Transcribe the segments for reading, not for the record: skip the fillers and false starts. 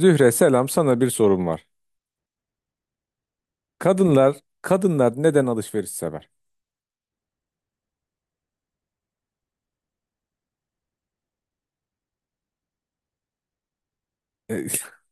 Zühre selam sana bir sorum var. Kadınlar kadınlar neden alışveriş sever? E,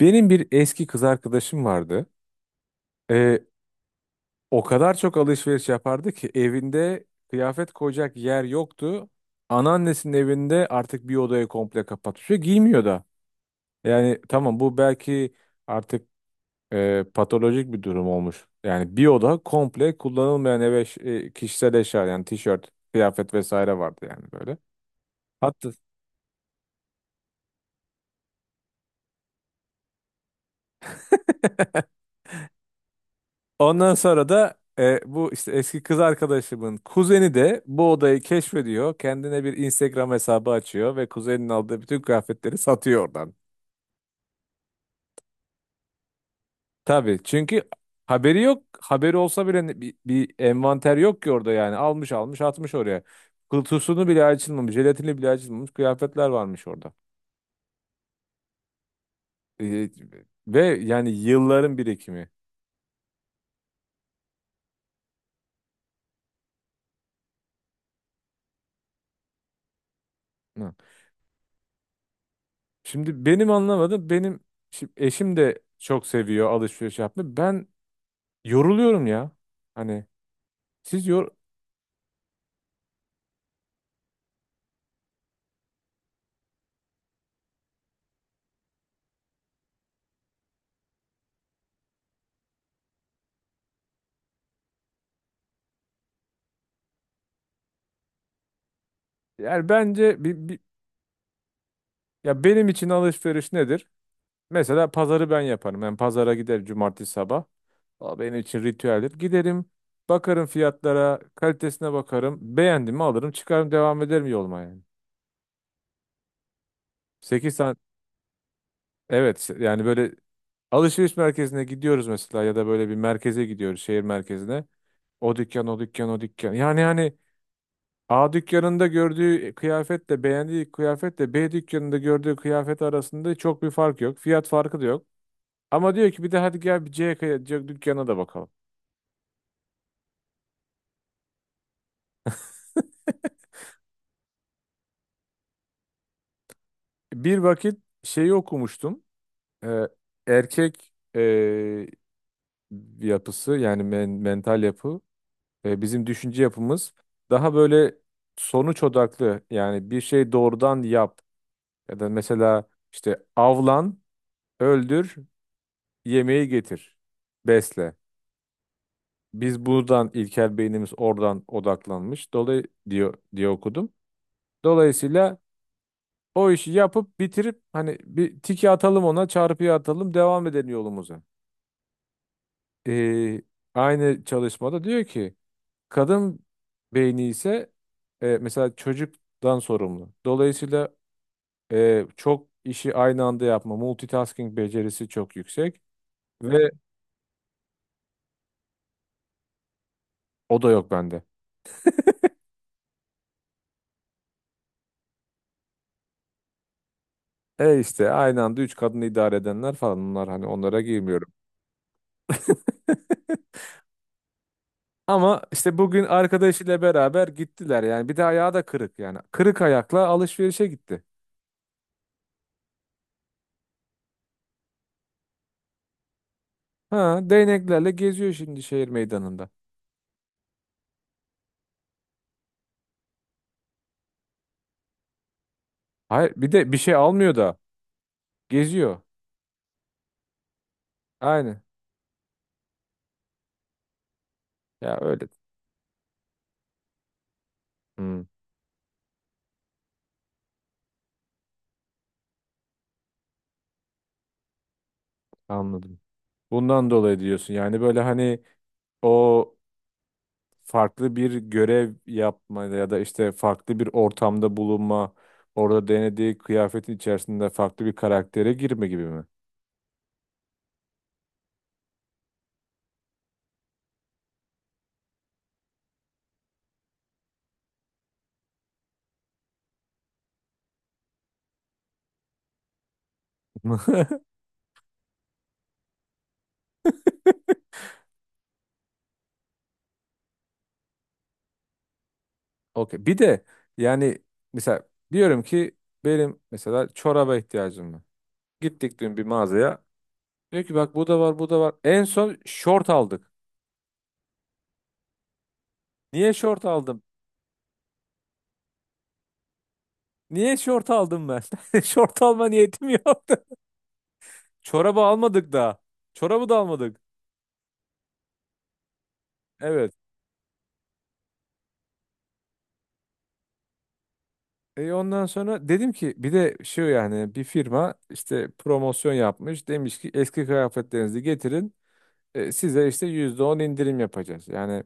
Benim bir eski kız arkadaşım vardı. E, O kadar çok alışveriş yapardı ki evinde kıyafet koyacak yer yoktu. Anneannesinin evinde artık bir odayı komple kapatmış ve giymiyor da. Yani tamam, bu belki artık patolojik bir durum olmuş. Yani bir oda komple kullanılmayan, eve kişisel eşya, yani tişört, kıyafet vesaire vardı yani, böyle. Hatta ondan sonra da bu işte, eski kız arkadaşımın kuzeni de bu odayı keşfediyor. Kendine bir Instagram hesabı açıyor ve kuzenin aldığı bütün kıyafetleri satıyor oradan. Tabii, çünkü haberi yok. Haberi olsa bile bir envanter yok ki orada yani. Almış almış atmış oraya. Kutusunu bile açılmamış, jelatini bile açılmamış kıyafetler varmış orada. E, Ve yani yılların birikimi. Hı. Şimdi benim anlamadım. Benim şimdi eşim de çok seviyor alışveriş yapmayı. Ben yoruluyorum ya. Hani siz yor yani bence ya, benim için alışveriş nedir? Mesela pazarı ben yaparım. Ben pazara giderim cumartesi sabah. O benim için ritüeldir. Giderim, bakarım fiyatlara, kalitesine bakarım. Beğendim mi alırım, çıkarım, devam ederim yoluma yani. 8 saat, evet, yani böyle alışveriş merkezine gidiyoruz mesela, ya da böyle bir merkeze gidiyoruz, şehir merkezine. O dükkan, o dükkan, o dükkan. Yani hani A dükkanında gördüğü kıyafetle, beğendiği kıyafetle B dükkanında gördüğü kıyafet arasında çok bir fark yok. Fiyat farkı da yok. Ama diyor ki bir de hadi gel, bir C dükkanına da bakalım. Bir vakit şeyi okumuştum. Ee, Erkek yapısı, yani mental yapı, bizim düşünce yapımız daha böyle sonuç odaklı. Yani bir şey, doğrudan yap, ya da mesela işte avlan, öldür, yemeği getir, besle. Biz buradan, ilkel beynimiz oradan odaklanmış. Diyor diye okudum. Dolayısıyla o işi yapıp bitirip, hani bir tiki atalım ona, çarpıyı atalım, devam edelim yolumuza. Ee, Aynı çalışmada diyor ki kadın beyni ise, mesela çocuktan sorumlu. Dolayısıyla çok işi aynı anda yapma, multitasking becerisi çok yüksek ve o da yok bende. İşte aynı anda üç kadını idare edenler falan, bunlar hani, onlara girmiyorum. Ama işte bugün arkadaşıyla beraber gittiler yani. Bir de ayağı da kırık yani. Kırık ayakla alışverişe gitti. Ha, değneklerle geziyor şimdi şehir meydanında. Hayır, bir de bir şey almıyor da geziyor. Aynen. Ya, öyle. Hmm, anladım. Bundan dolayı diyorsun. Yani böyle hani o farklı bir görev yapma, ya da işte farklı bir ortamda bulunma, orada denediği kıyafetin içerisinde farklı bir karaktere girme gibi mi? Okey. Bir de yani mesela diyorum ki benim mesela çoraba ihtiyacım var. Gittik dün bir mağazaya. Diyor ki bak bu da var, bu da var. En son şort aldık. Niye şort aldım? Niye şort aldım ben? Şort alma niyetim yok. Çorabı almadık daha. Çorabı da almadık. Evet. E ondan sonra dedim ki bir de şu, yani bir firma işte promosyon yapmış. Demiş ki eski kıyafetlerinizi getirin. Size işte %10 indirim yapacağız. Yani,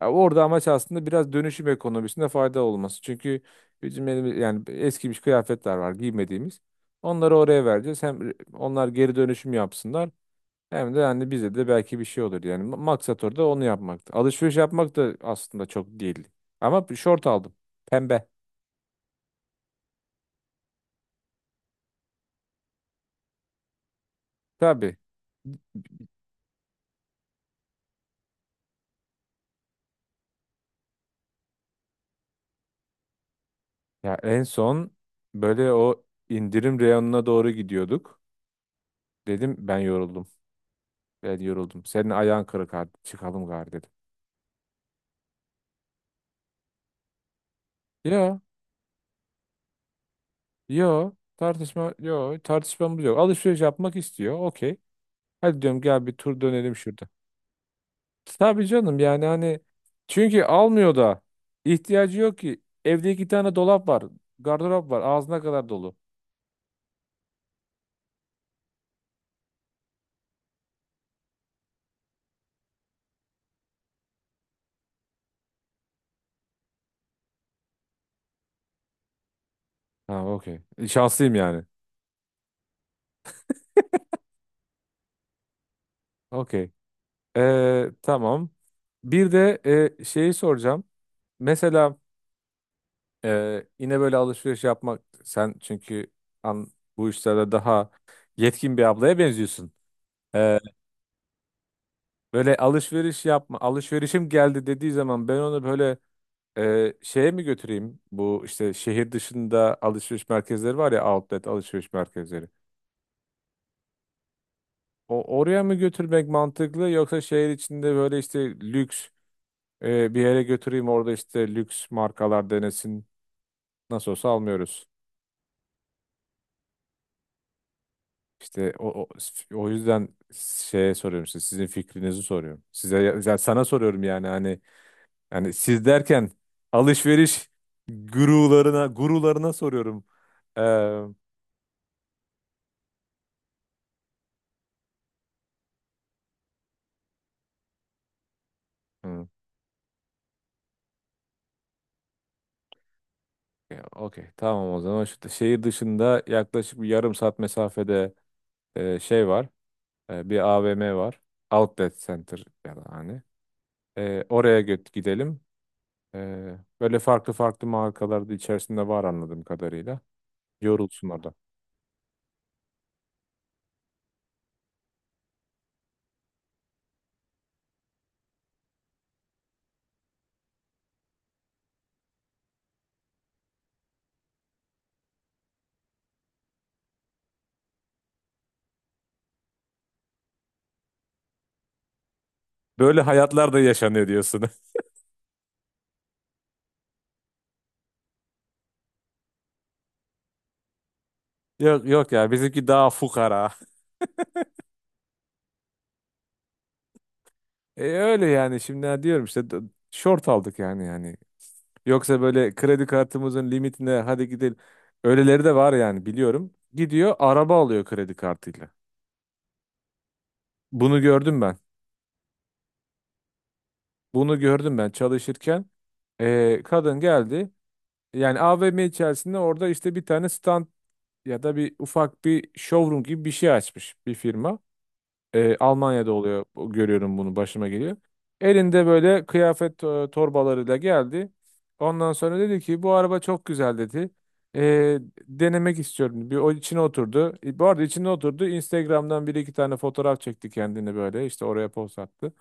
ya, orada amaç aslında biraz dönüşüm ekonomisinde fayda olması. Çünkü bizim elimiz, yani eskimiş kıyafetler var giymediğimiz. Onları oraya vereceğiz. Hem onlar geri dönüşüm yapsınlar, hem de yani bize de belki bir şey olur. Yani maksat orada onu yapmaktı. Alışveriş yapmak da aslında çok değil. Ama bir şort aldım. Pembe. Tabii. Ya en son böyle o indirim reyonuna doğru gidiyorduk. Dedim ben yoruldum. Ben yoruldum. Senin ayağın kırık, hadi çıkalım gari dedim. Ya, yo, tartışmamız yok. Alışveriş yapmak istiyor. Okey. Hadi diyorum, gel bir tur dönelim şurada. Tabii canım, yani hani çünkü almıyor da, ihtiyacı yok ki. Evde iki tane dolap var. Gardırop var. Ağzına kadar dolu. Ha, okey. Şanslıyım yani. Okey. Tamam. Bir de şeyi soracağım. Mesela yine böyle alışveriş yapmak, sen çünkü an, bu işlerde daha yetkin bir ablaya benziyorsun. E, Böyle alışveriş yapma, alışverişim geldi dediği zaman ben onu böyle şeye mi götüreyim? Bu işte şehir dışında alışveriş merkezleri var ya, outlet alışveriş merkezleri. O oraya mı götürmek mantıklı, yoksa şehir içinde böyle işte lüks bir yere götüreyim, orada işte lüks markalar denesin? Nasıl olsa almıyoruz. İşte o yüzden şeye soruyorum, işte sizin fikrinizi soruyorum. Size, sana soruyorum yani, hani yani siz derken alışveriş gurularına soruyorum. Ee, hı, ya, okey, tamam. O zaman şu şehir dışında yaklaşık bir yarım saat mesafede şey var. Bir AVM var. Outlet Center ya da hani. Oraya gidelim. E, Böyle farklı farklı markalar da içerisinde var anladığım kadarıyla. Yorulsun orada. Böyle hayatlar da yaşanıyor diyorsun. Yok yok ya, bizimki daha fukara. Öyle yani, şimdi ha diyorum işte, short aldık yani. Yoksa böyle kredi kartımızın limitine hadi gidelim. Öyleleri de var yani, biliyorum. Gidiyor araba alıyor kredi kartıyla. Bunu gördüm ben. Bunu gördüm ben çalışırken. Kadın geldi. Yani AVM içerisinde orada işte bir tane stand, ya da bir ufak bir showroom gibi bir şey açmış bir firma. Almanya'da oluyor. Görüyorum bunu, başıma geliyor. Elinde böyle kıyafet, torbalarıyla geldi. Ondan sonra dedi ki bu araba çok güzel, dedi. E, Denemek istiyorum. Bir o içine oturdu. Bu arada içine oturdu. Instagram'dan bir iki tane fotoğraf çekti kendini böyle. İşte oraya post attı.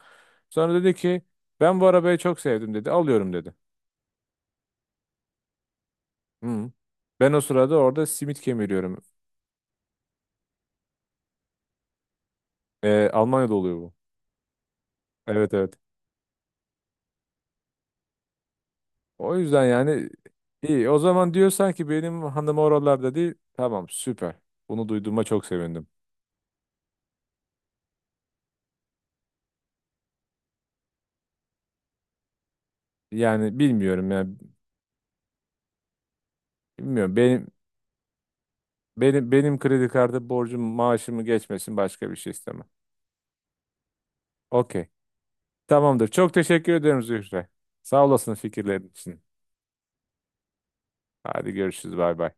Sonra dedi ki ben bu arabayı çok sevdim, dedi. Alıyorum, dedi. Hı. Ben o sırada orada simit kemiriyorum. Almanya'da oluyor bu. Evet, evet. O yüzden yani iyi. O zaman diyorsan ki benim hanım oralarda değil. Tamam, süper. Bunu duyduğuma çok sevindim. Yani bilmiyorum yani, bilmiyorum. Benim kredi kartı borcum maaşımı geçmesin, başka bir şey istemem. Okey. Tamamdır. Çok teşekkür ediyorum Zühre. Sağ olasın fikirlerin için. Hadi görüşürüz. Bay bay.